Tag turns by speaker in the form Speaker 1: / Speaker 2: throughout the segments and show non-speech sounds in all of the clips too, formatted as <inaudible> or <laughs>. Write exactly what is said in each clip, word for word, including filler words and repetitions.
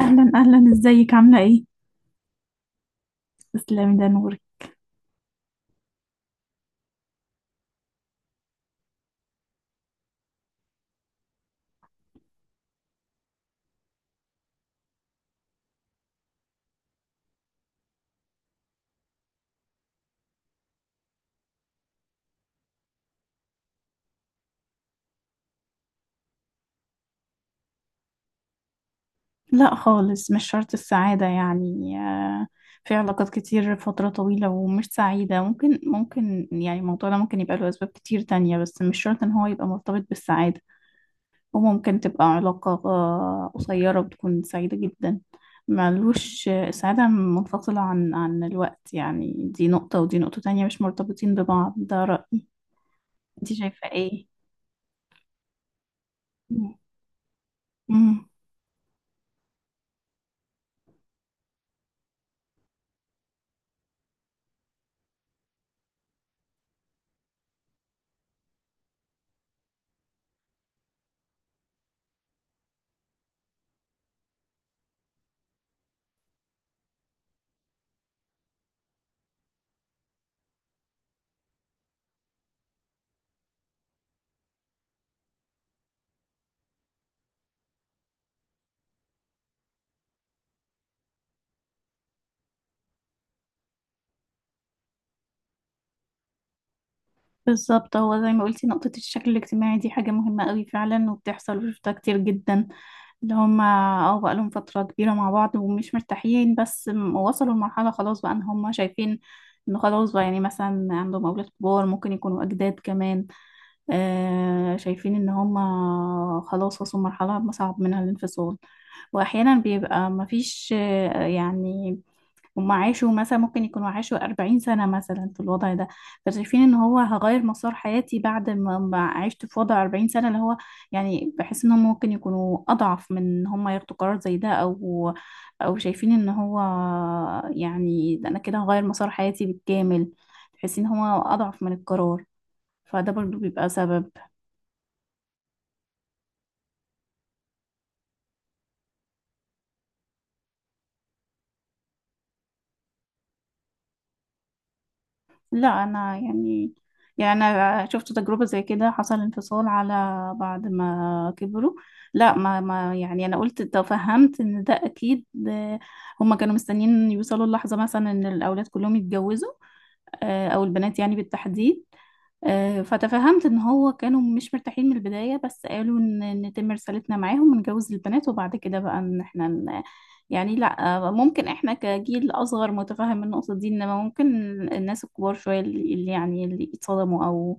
Speaker 1: اهلا اهلا، ازيك؟ عامله ايه؟ تسلمي، ده نوري. لا خالص، مش شرط السعاده يعني آه، في علاقات كتير فتره طويله ومش سعيده، ممكن ممكن يعني الموضوع ده ممكن يبقى له اسباب كتير تانية، بس مش شرط ان هو يبقى مرتبط بالسعاده. وممكن تبقى علاقه آه، قصيره وتكون سعيده جدا. ملوش آه، السعاده منفصله عن عن الوقت، يعني دي نقطه ودي نقطه تانية مش مرتبطين ببعض، ده رأيي. انت شايفه ايه؟ مم. بالظبط، هو زي ما قلتي نقطة الشكل الاجتماعي دي حاجة مهمة قوي فعلا وبتحصل وشفتها كتير جدا، اللي هما اه بقالهم فترة كبيرة مع بعض ومش مرتاحين، بس م- وصلوا لمرحلة خلاص، بقى ان هما شايفين انه خلاص، بقى يعني مثلا عندهم أولاد كبار ممكن يكونوا أجداد كمان. آه شايفين ان هما خلاص وصلوا لمرحلة صعب منها الانفصال. وأحيانا بيبقى مفيش آه، يعني هم عاشوا مثلا ممكن يكونوا عاشوا أربعين سنة مثلا في الوضع ده. فشايفين ان هو هغير مسار حياتي بعد ما ما عشت في وضع أربعين سنة، اللي هو يعني بحس ان هم ممكن يكونوا اضعف من ان هم ياخدوا قرار زي ده، او او شايفين ان هو، يعني ده انا كده هغير مسار حياتي بالكامل، تحسين ان هو اضعف من القرار، فده برضو بيبقى سبب. لا انا يعني، يعني انا شفت تجربه زي كده، حصل انفصال على بعد ما كبروا. لا ما ما يعني انا قلت تفهمت ان ده اكيد آه، هما كانوا مستنيين يوصلوا اللحظه مثلا ان الاولاد كلهم يتجوزوا آه، او البنات يعني بالتحديد. آه، فتفهمت ان هو كانوا مش مرتاحين من البداية، بس قالوا ان نتم رسالتنا معاهم ونجوز البنات وبعد كده بقى ان احنا ن- يعني لا آه، ممكن احنا كجيل اصغر متفهم النقطة دي، انما ممكن الناس الكبار شوية اللي اللي يعني اللي يتصدموا او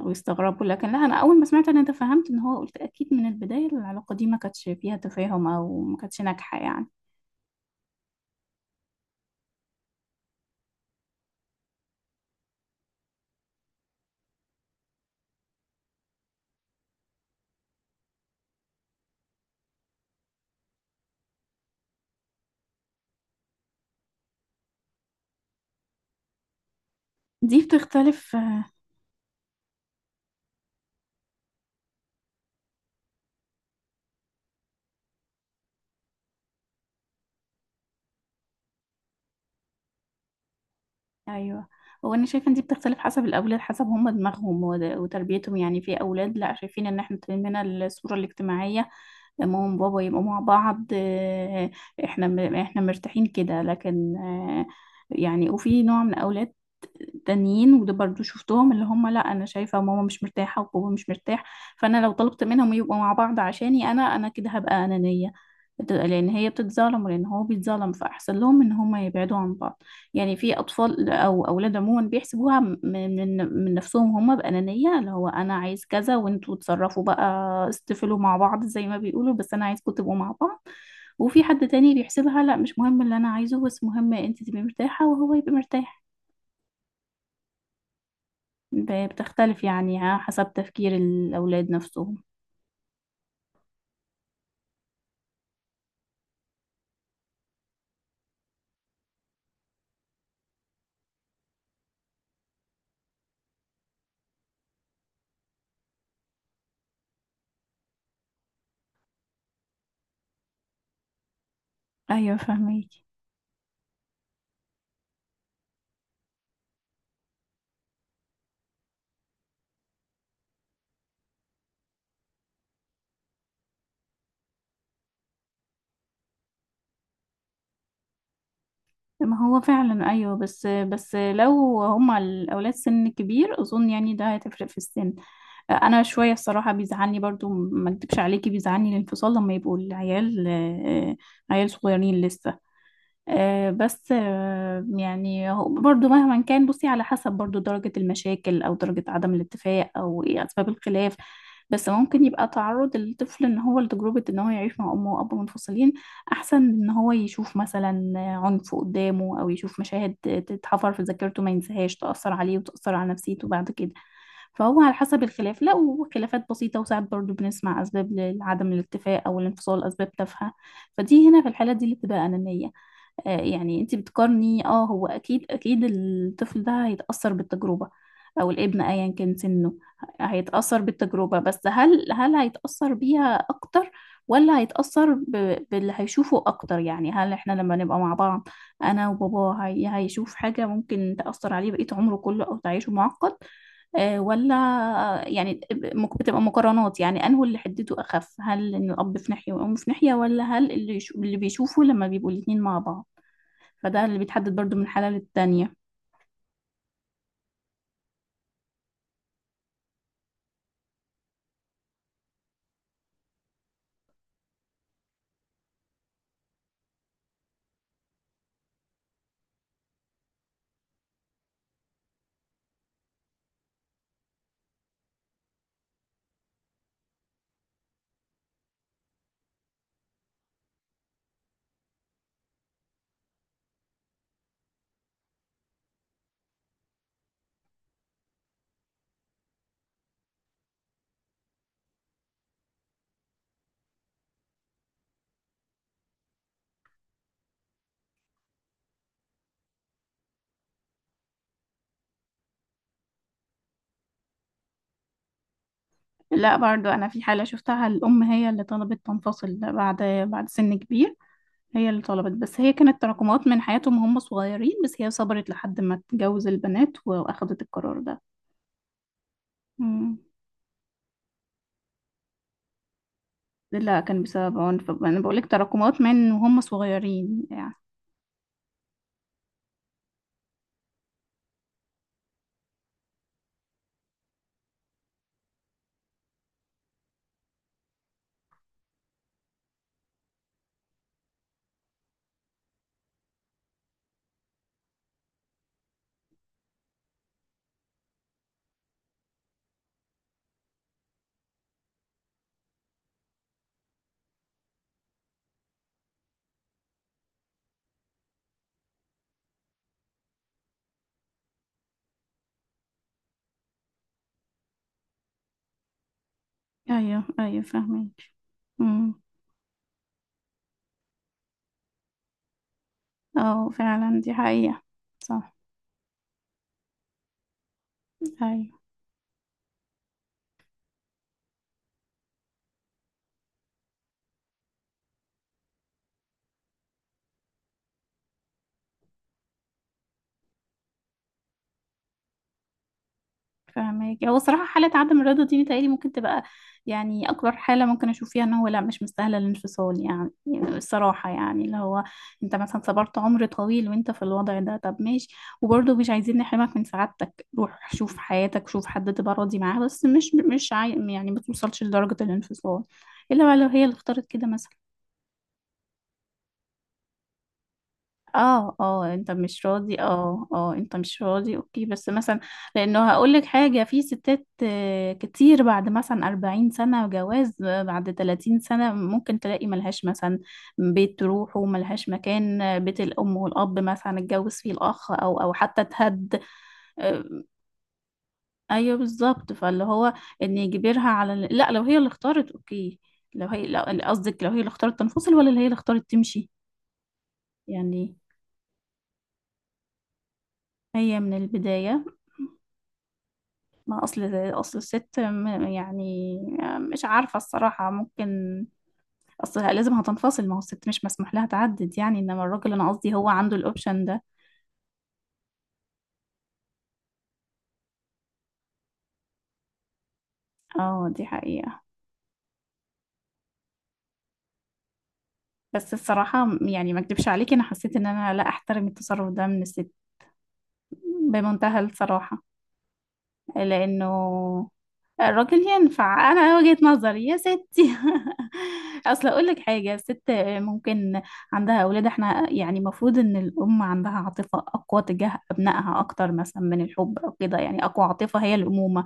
Speaker 1: او يستغربوا، لكن لا، انا اول ما سمعت انا تفهمت ان هو قلت اكيد من البداية العلاقة دي ما كانتش فيها تفاهم او ما كانتش ناجحة يعني. دي بتختلف آه، ايوه. هو انا شايفه ان دي بتختلف حسب الاولاد، حسب هم دماغهم ود- وتربيتهم، يعني في اولاد لا شايفين ان احنا طالعين الصوره الاجتماعيه، ماما وبابا يبقوا مع بعض آه، احنا م- احنا مرتاحين كده، لكن آه، يعني. وفي نوع من الاولاد تانيين، وده برضو شفتهم، اللي هم لا انا شايفه ماما مش مرتاحه وبابا مش مرتاح، فانا لو طلبت منهم يبقوا مع بعض عشاني انا انا كده هبقى انانيه، بت- لان هي بتتظلم ولان هو بيتظلم، فاحسن لهم ان هم يبعدوا عن بعض. يعني في اطفال او اولاد عموما بيحسبوها م- من من نفسهم، هم بانانيه، اللي هو انا عايز كذا وانتوا اتصرفوا بقى، استفلوا مع بعض زي ما بيقولوا، بس انا عايزكم تبقوا مع بعض. وفي حد تاني بيحسبها لا، مش مهم اللي انا عايزه، بس مهم انت تبقي مرتاحه وهو يبقى مرتاح. ب- بتختلف يعني ها حسب تفكير الأولاد نفسهم. أيوة فهميكي. ما هو فعلا أيوة، بس بس لو هما الأولاد سن كبير أظن يعني ده هتفرق في السن. أنا شوية الصراحة بيزعلني برضو، ما أكدبش عليكي، بيزعلني الانفصال لما يبقوا العيال آه، عيال صغيرين لسه. آه، بس آه، يعني هو برضو مهما كان بصي على حسب برضو درجة المشاكل أو درجة عدم الاتفاق أو إيه أسباب الخلاف. بس ممكن يبقى تعرض الطفل إن هو لتجربة إن هو يعيش مع أمه وأبوه منفصلين أحسن من إن هو يشوف مثلا عنف قدامه، أو يشوف مشاهد تتحفر في ذاكرته ما ينساهاش، تأثر عليه وتأثر على نفسيته بعد كده. فهو على حسب الخلاف، لا، وخلافات بسيطة، وساعات برضو بنسمع أسباب لعدم الاتفاق أو الانفصال أسباب تافهة، فدي هنا في الحالة دي اللي بتبقى أنانية. آه، يعني انت بتقارني، اه هو اكيد اكيد الطفل ده هيتأثر بالتجربة، او الابن ايا كان سنه هيتأثر بالتجربة، بس هل هل هيتأثر بيها اكتر، ولا هيتأثر ب- باللي هيشوفه اكتر، يعني هل احنا لما نبقى مع بعض انا وبابا هي هيشوف حاجة ممكن تأثر عليه بقية عمره كله او تعيشه معقد آه، ولا، يعني مك- بتبقى مقارنات، يعني انه اللي حدته اخف، هل ان الاب في ناحيه والام في ناحيه، ولا هل اللي يشو- اللي بيشوفه لما بيبقوا الاتنين مع بعض، فده اللي بيتحدد برضو من حالة للتانية. لا برضو أنا في حالة شفتها الأم هي اللي طلبت تنفصل بعد بعد سن كبير، هي اللي طلبت، بس هي كانت تراكمات من حياتهم وهم صغيرين، بس هي صبرت لحد ما تجوز البنات وأخدت القرار ده. مم. لا كان بسبب عنف، أنا بقولك تراكمات من وهم صغيرين يعني. أيوه أيوه فاهمك. مم. اه فعلا دي حقيقة. صح. أيوه فاهمك، هو صراحة حالة عدم الرضا دي متهيألي ممكن تبقى يعني أكبر حالة ممكن أشوف فيها إن هو لا مش مستاهلة الانفصال، يعني يعني الصراحة يعني، اللي هو أنت مثلا صبرت عمر طويل وأنت في الوضع ده، طب ماشي، وبرضه مش عايزين نحرمك من سعادتك، روح شوف حياتك، شوف حد تبقى راضي معاه، بس مش مش عاي... يعني ما توصلش لدرجة الانفصال إلا بقى لو هي اللي اختارت كده مثلا. اه اه انت مش راضي، اه اه انت مش راضي، اوكي بس مثلا، لانه هقولك حاجة، في ستات آه، كتير بعد مثلا أربعين سنة جواز آه، بعد تلاتين سنة ممكن تلاقي ملهاش مثلا بيت تروح، وملهاش مكان آه، بيت الأم والأب مثلا اتجوز فيه الأخ أو أو حتى اتهد. آه، أيوه بالظبط، فاللي هو إن يجبرها على ال- لا، لو هي اللي اختارت اوكي، لو هي لو- قصدك لو هي اللي اختارت تنفصل، ولا اللي هي اللي اختارت تمشي. يعني هي من البداية، ما اصل اصل الست م- يعني مش عارفه الصراحه، ممكن اصل لازم هتنفصل، ما هو الست مش مسموح لها تعدد يعني، انما الراجل انا قصدي هو عنده الاوبشن ده. اه دي حقيقه. بس الصراحه يعني ما اكدبش عليكي، انا حسيت ان انا لا احترم التصرف ده من الست، بمنتهى الصراحه. لأنه الراجل ينفع، أنا وجهة نظري يا ستي. <laughs> أصل أقول لك حاجة، الست ممكن عندها أولاد، احنا يعني المفروض إن الأم عندها عاطفة أقوى تجاه أبنائها أكتر مثلا من الحب أو كده، يعني أقوى عاطفة هي الأمومة،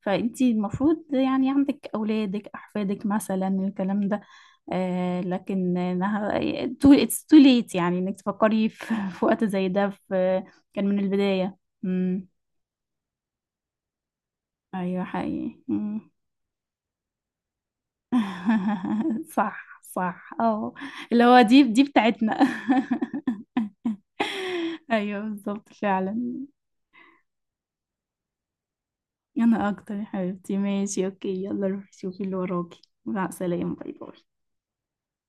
Speaker 1: فأنتي المفروض يعني عندك أولادك أحفادك مثلا الكلام ده، آه لكن إنها too- it's too late، يعني إنك تفكري في في وقت زي ده، في كان من البداية. امم، ايوه حقيقي. <laughs> صح صح اه، اللي هو دي دي بتاعتنا. <laughs> ايوه بالظبط فعلا. انا اكتر يا حبيبتي، ماشي اوكي، يلا روحي شوفي اللي وراكي. مع السلامة، باي باي.